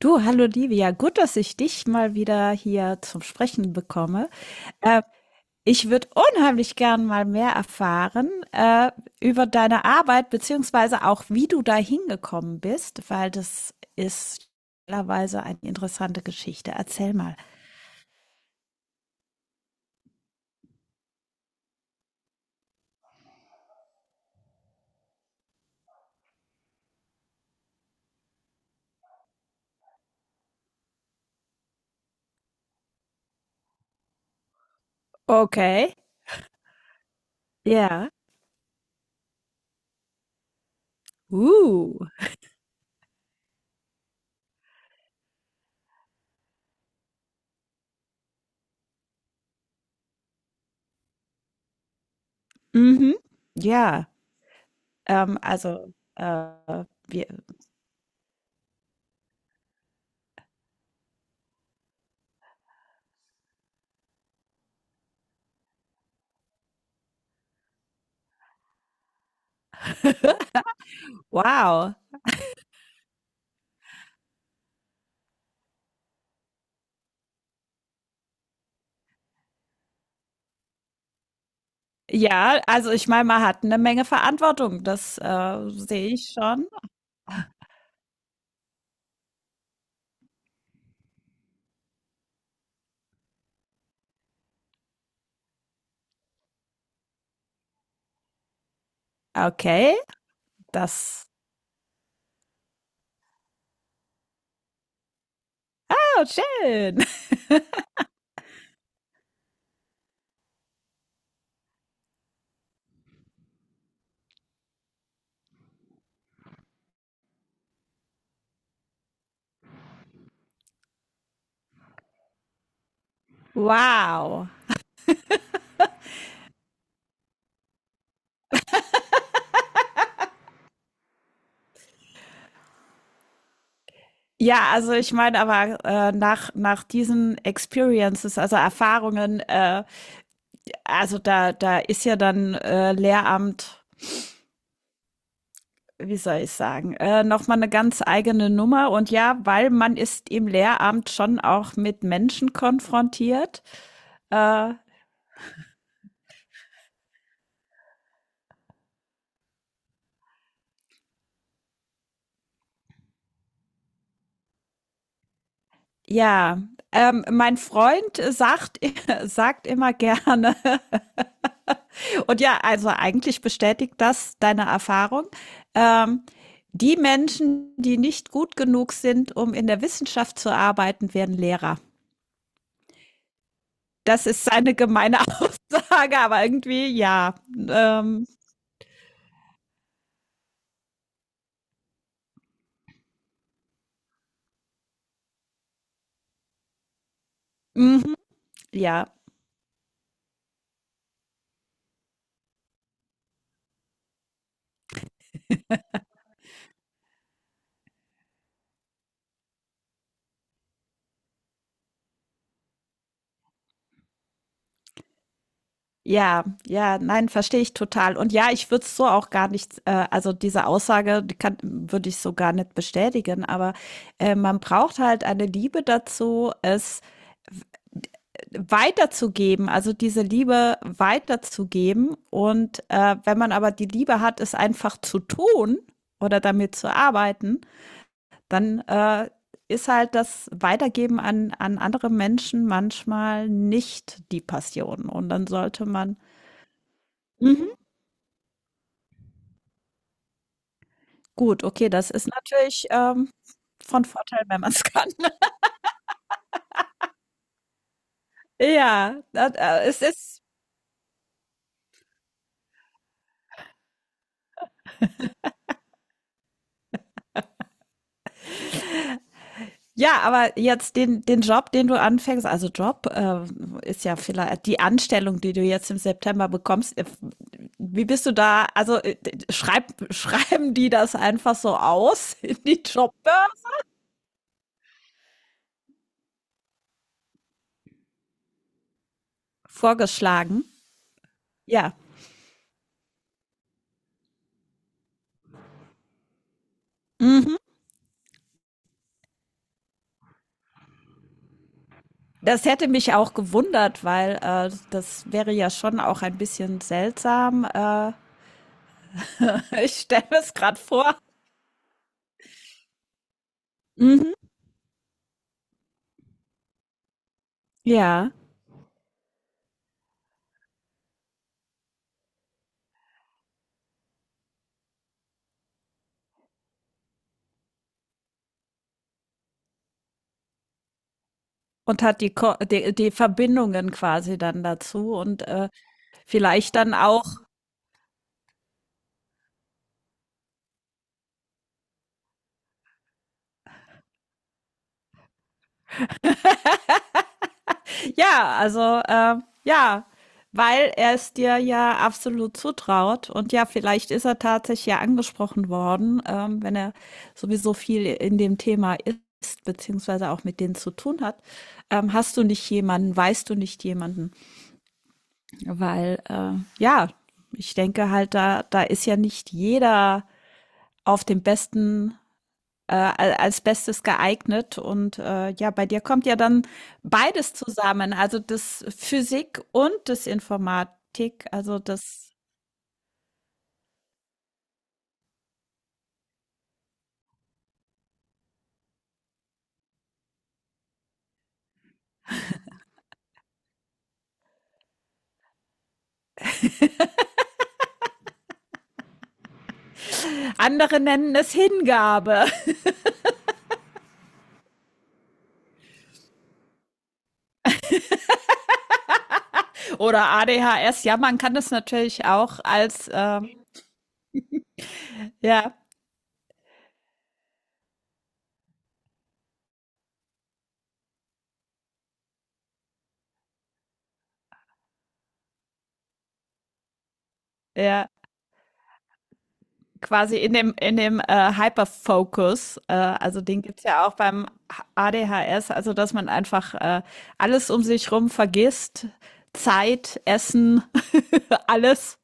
Du, hallo Livia, gut, dass ich dich mal wieder hier zum Sprechen bekomme. Äh, Ich würde unheimlich gern mal mehr erfahren über deine Arbeit, beziehungsweise auch, wie du da hingekommen bist, weil das ist mittlerweile eine interessante Geschichte. Erzähl mal. Okay. Ja. Uh. Mhm. Ja. Ähm, also, äh, wir, wow. Ja, also ich meine, man hat eine Menge Verantwortung, das sehe ich schon. Okay, das. Oh, schön. Wow. Ja, also ich meine aber nach, nach diesen Experiences, also Erfahrungen, also da, da ist ja dann Lehramt, wie soll ich sagen, nochmal eine ganz eigene Nummer. Und ja, weil man ist im Lehramt schon auch mit Menschen konfrontiert. Äh, ja, Mein Freund sagt, sagt immer gerne, und ja, also eigentlich bestätigt das deine Erfahrung. Ähm, Die Menschen, die nicht gut genug sind, um in der Wissenschaft zu arbeiten, werden Lehrer. Das ist eine gemeine Aussage, aber irgendwie ja. Ähm, mhm, ja, ja, ja, nein, verstehe ich total. Und ja, ich würde es so auch gar nicht, also diese Aussage die kann, würde ich so gar nicht bestätigen, aber man braucht halt eine Liebe dazu, es weiterzugeben, also diese Liebe weiterzugeben. Und wenn man aber die Liebe hat, es einfach zu tun oder damit zu arbeiten, dann ist halt das Weitergeben an, an andere Menschen manchmal nicht die Passion. Und dann sollte man, mhm. Gut, okay, das ist natürlich von Vorteil, wenn man es kann. Ja, das, es ist. Ja, aber jetzt den, den Job, den du anfängst, also Job ist ja vielleicht die Anstellung, die du jetzt im September bekommst. Wie bist du da? Also schreib, schreiben die das einfach so aus in die Jobbörse? Vorgeschlagen. Ja. Mhm. Das hätte mich auch gewundert, weil das wäre ja schon auch ein bisschen seltsam. Ich stelle mir es gerade vor. Mhm. Ja. Und hat die, Ko die, die Verbindungen quasi dann dazu und vielleicht dann auch, ja, also äh, ja, weil er es dir ja absolut zutraut und ja, vielleicht ist er tatsächlich ja angesprochen worden, wenn er sowieso viel in dem Thema ist, beziehungsweise auch mit denen zu tun hat. Hast du nicht jemanden, weißt du nicht jemanden? Weil ja, ich denke halt, da, da ist ja nicht jeder auf dem besten als Bestes geeignet. Und ja, bei dir kommt ja dann beides zusammen, also das Physik und das Informatik, also das andere nennen es Hingabe oder ADHS. Ja, man kann das natürlich auch als ja, ja, quasi in dem Hyperfocus, also den gibt's ja auch beim ADHS, also dass man einfach alles um sich rum vergisst, Zeit, Essen, alles.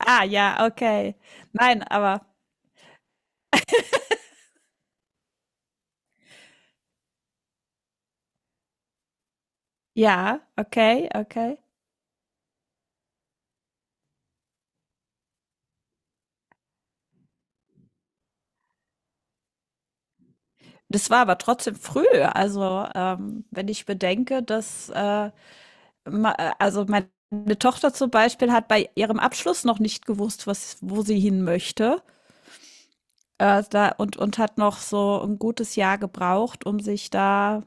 Ah, ja, okay. Nein, aber ja, okay, okay. Das war aber trotzdem früh. Also, wenn ich bedenke, dass, also meine Tochter zum Beispiel hat bei ihrem Abschluss noch nicht gewusst, was, wo sie hin möchte. Da, und hat noch so ein gutes Jahr gebraucht, um sich da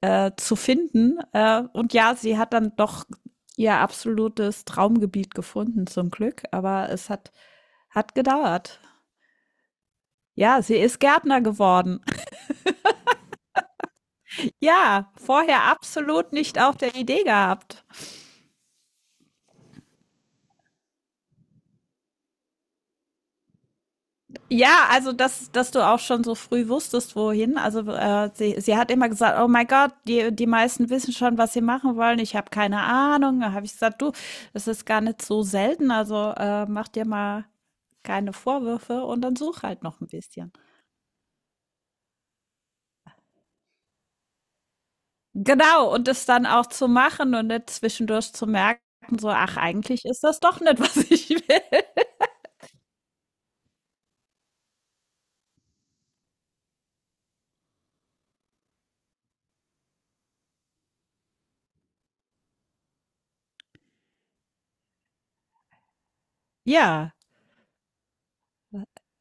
zu finden. Und ja, sie hat dann doch ihr absolutes Traumgebiet gefunden, zum Glück. Aber es hat, hat gedauert. Ja, sie ist Gärtner geworden. Ja, vorher absolut nicht auf der Idee gehabt. Ja, also dass, dass du auch schon so früh wusstest, wohin. Also sie, sie hat immer gesagt, oh mein Gott, die, die meisten wissen schon, was sie machen wollen. Ich habe keine Ahnung. Da habe ich gesagt, du, das ist gar nicht so selten. Also mach dir mal keine Vorwürfe und dann such halt noch ein bisschen. Genau, und das dann auch zu machen und nicht zwischendurch zu merken, so, ach, eigentlich ist das doch nicht, was ich will. Ja.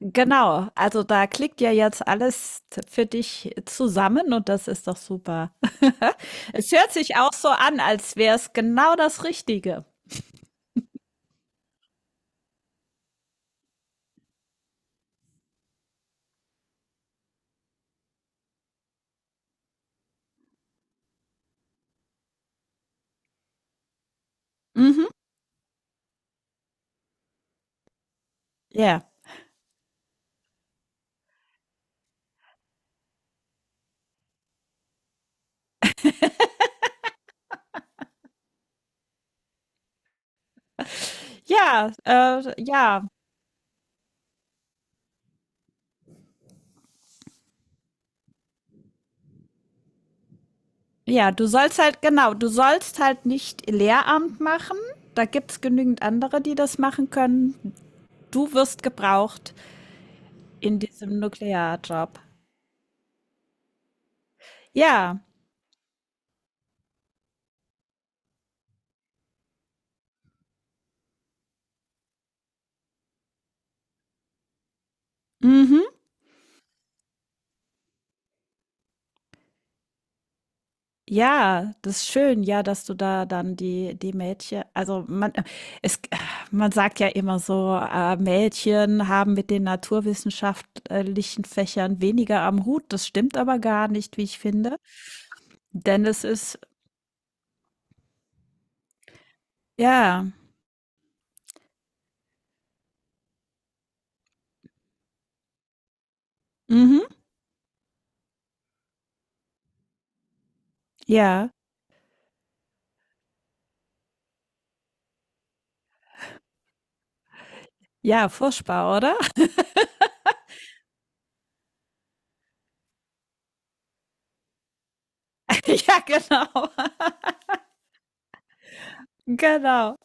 Genau, also da klickt ja jetzt alles für dich zusammen und das ist doch super. Es hört sich auch so an, als wäre es genau das Richtige. Mhm. Ja. Ja, ja, ja, du sollst halt, genau, du sollst halt nicht Lehramt machen. Da gibt's genügend andere, die das machen können. Du wirst gebraucht in diesem Nuklearjob. Ja. Mhm. Ja, das ist schön, ja, dass du da dann die die Mädchen also, man es man sagt ja immer so, Mädchen haben mit den naturwissenschaftlichen Fächern weniger am Hut. Das stimmt aber gar nicht, wie ich finde, denn es ist ja, mhm, ja, ja, furchtbar, oder? Ja, genau, genau.